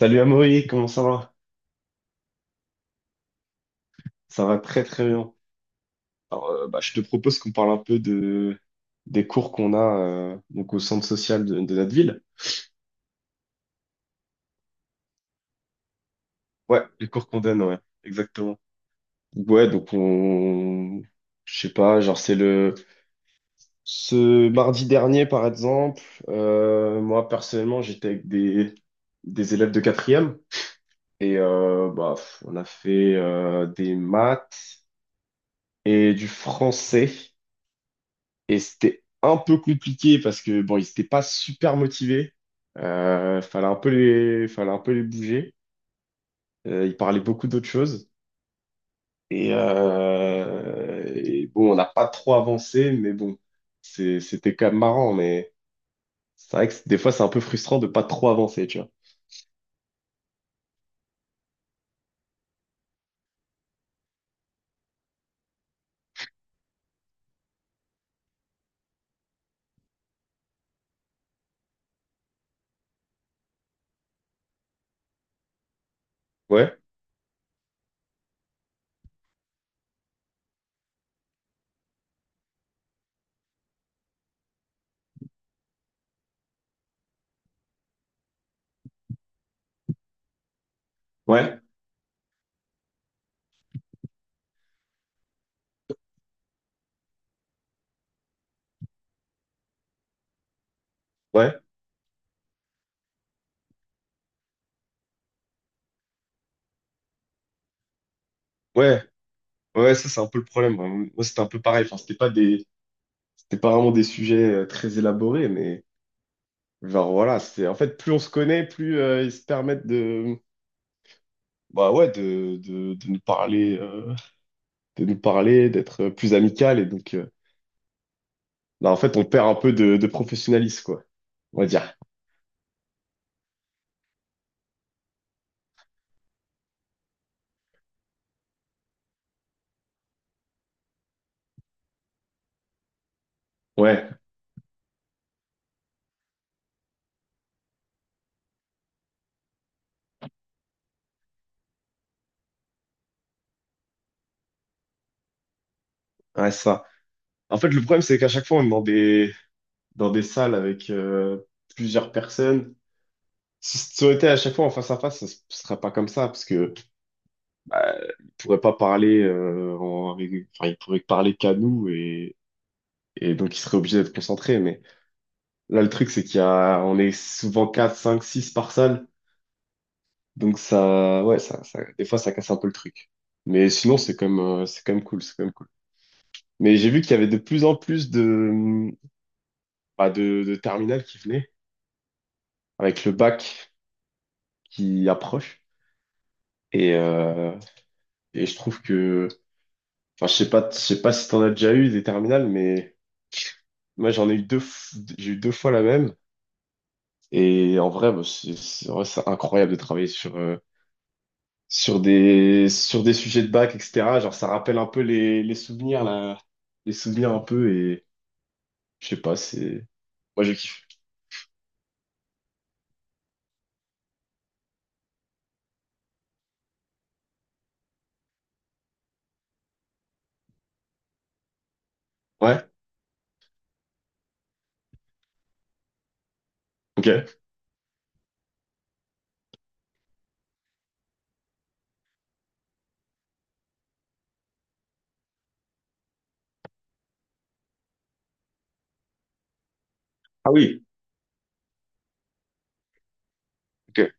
Salut Amaury, comment ça va? Ça va très très bien. Alors, je te propose qu'on parle un peu de des cours qu'on a donc au centre social de notre ville. Ouais, les cours qu'on donne, ouais, exactement. Ouais, donc on, je sais pas, genre c'est le ce mardi dernier par exemple. Moi personnellement, j'étais avec des élèves de quatrième et on a fait des maths et du français. Et c'était un peu compliqué parce que bon, ils n'étaient pas super motivés. Fallait un peu les bouger. Ils parlaient beaucoup d'autres choses. Et bon, on n'a pas trop avancé, mais bon, c'était quand même marrant. Mais c'est vrai que des fois, c'est un peu frustrant de pas trop avancer, tu vois. Ouais, ouais, ouais, ouais, ouais. Ça, c'est un peu le problème. Moi, c'était un peu pareil. Enfin, c'était pas vraiment des sujets très élaborés, mais genre voilà. C'est en fait, plus on se connaît, plus ils se permettent de bah ouais, de nous parler, d'être plus amical. Et donc, là, en fait, on perd un peu de professionnalisme, quoi. On va dire. Ouais, ouais, ça. En fait, le problème, c'est qu'à chaque fois, on est dans des, salles avec plusieurs personnes. Si ça aurait été à chaque fois en face à face, ça ne serait pas comme ça, parce que euh, ils pourraient pas parler, enfin, ils pourraient parler qu'à nous et, donc ils seraient obligés d'être concentrés. Mais là, le truc, c'est on est souvent 4, 5, 6 par salle. Donc ça, ouais, des fois ça casse un peu le truc. Mais sinon c'est quand même cool, c'est quand même cool. Mais j'ai vu qu'il y avait de plus en plus de, bah, de terminales qui venaient avec le bac qui approche. Et, euh, et je trouve que, enfin je sais pas si t'en as déjà eu des terminales, mais moi j'en ai eu j'ai eu deux fois la même. Et en vrai, bah, en vrai, c'est incroyable de travailler sur sur des sujets de bac, etc. Genre ça rappelle un peu les souvenirs là les souvenirs un peu. Je sais pas, c'est... Moi, je kiffe. Ouais? Ok. Ah oui, ok.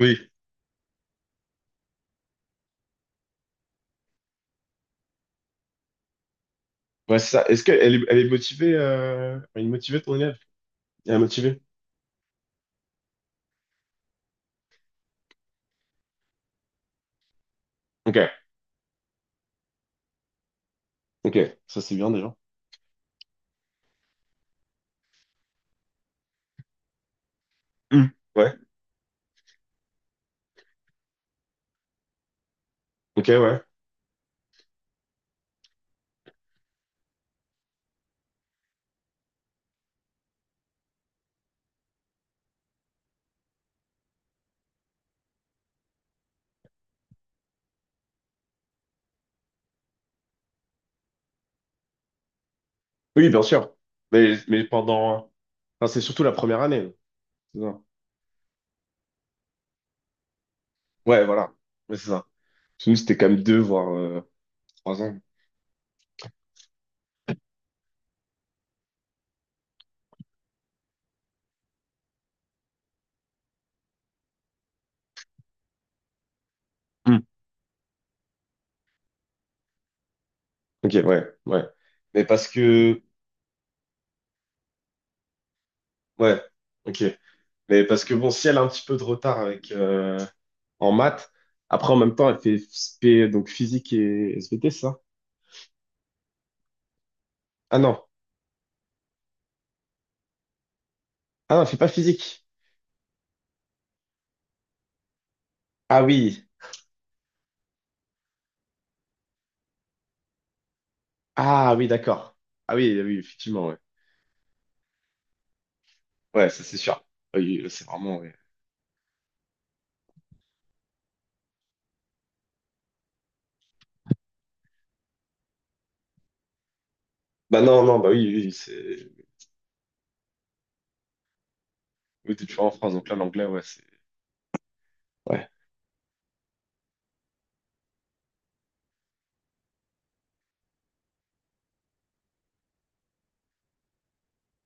Oui. Ouais, c'est ça. Est-ce elle est motivée, ton élève? Elle est motivée? Ok. Ok. Ça, c'est bien, déjà. Hmm. Ouais. Ok, ouais. Oui, bien sûr. Mais pendant... Enfin, c'est surtout la première année. C'est ça. Ouais, voilà. Ouais, c'est ça. Parce nous, c'était quand même 2, voire 3 ans. Hmm. Ok, ouais, ouais. Mais parce que... Ouais. Ok. Mais parce que, bon, si elle a un petit peu de retard avec... en maths. Après, en même temps, elle fait SP, donc physique et SVT, c'est ça? Ah non. Ah non, elle fait pas physique. Ah oui. Ah oui, d'accord. Ah oui, oui, effectivement, ouais. Ouais, ça c'est sûr. Ah oui, c'est vraiment, ouais. Bah non, non, bah oui, oui, c'est... Oui, t'es toujours en France, donc là, l'anglais, ouais, c'est... Ouais,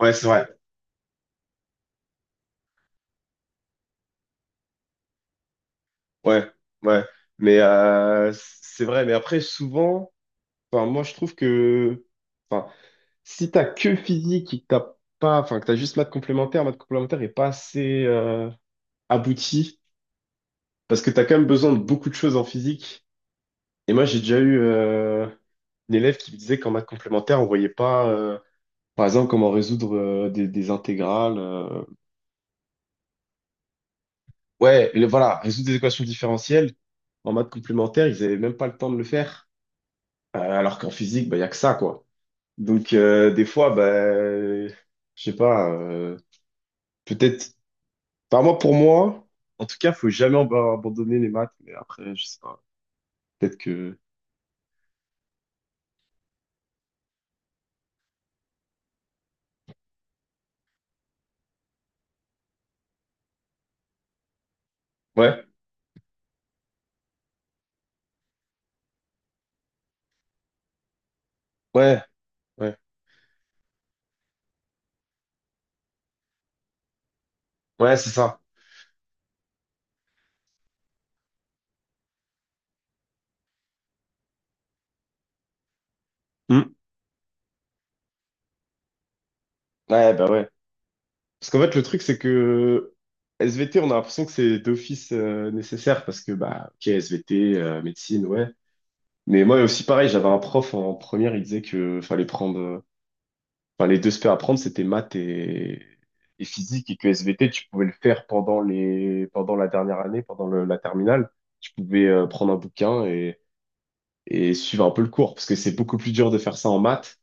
ouais, c'est vrai. Ouais, ouais. Mais c'est vrai, mais après, souvent, enfin, moi, je trouve que... Enfin, si t'as que physique et que t'as pas... Enfin, que t'as juste maths complémentaire est pas assez abouti. Parce que tu as quand même besoin de beaucoup de choses en physique. Et moi, j'ai déjà eu une élève qui me disait qu'en maths complémentaire, on voyait pas, par exemple, comment résoudre des intégrales. Ouais, voilà, résoudre des équations différentielles. En maths complémentaire, ils avaient même pas le temps de le faire. Alors qu'en physique, bah, il y a que ça, quoi. Donc, des fois, bah, je sais pas, peut-être. Enfin, moi, pour moi, en tout cas, faut jamais abandonner les maths. Mais après, je sais pas. Peut-être que. Ouais, ouais, ouais. Ouais, c'est ça. Ouais, bah ouais. Parce qu'en fait, le truc, c'est que SVT, on a l'impression que c'est d'office nécessaire parce que, bah, ok, SVT, médecine, ouais. Mais moi aussi, pareil, j'avais un prof en première, il disait que fallait prendre, enfin, les deux spé à prendre, c'était maths et, physique et que SVT, tu pouvais le faire pendant pendant la dernière année, pendant la terminale. Tu pouvais prendre un bouquin et, suivre un peu le cours parce que c'est beaucoup plus dur de faire ça en maths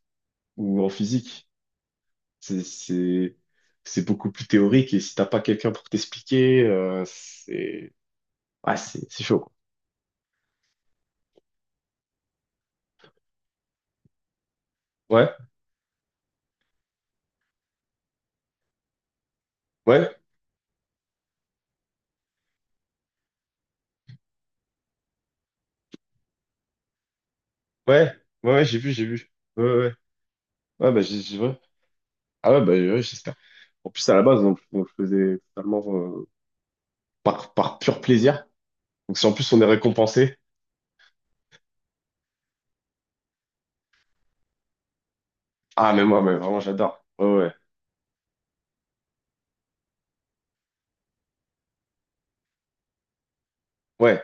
ou en physique. C'est, c'est, c'est beaucoup plus théorique et si t'as pas quelqu'un pour t'expliquer, c'est, ouais, c'est chaud, quoi. Ouais, ouais, ouais, ouais, ouais, j'ai vu, j'ai vu. Ouais, ouais, ouais, Ouais, bah, ouais. Ah ouais, bah, ouais, ouais, j'espère. En plus, à la base, on le faisait totalement par pur plaisir. Donc, si en plus on est récompensé, ah, mais moi, mais vraiment, j'adore. Ouais, ouais, ouais,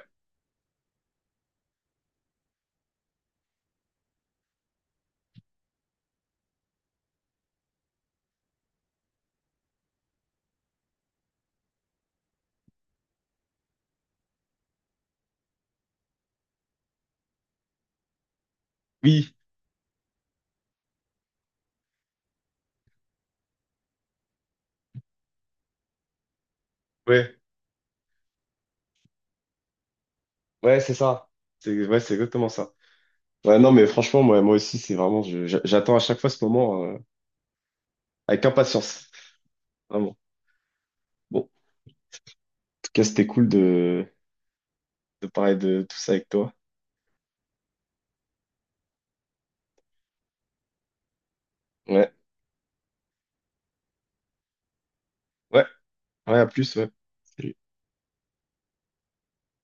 oui, ouais, ouais, c'est ça. C'est, ouais, c'est exactement ça. Ouais, non, mais franchement, moi, aussi, c'est vraiment, j'attends à chaque fois ce moment avec impatience. Vraiment. Bon. Tout cas, c'était cool de parler de tout ça avec toi. Ouais, ouais, ouais, à plus, ouais. Salut.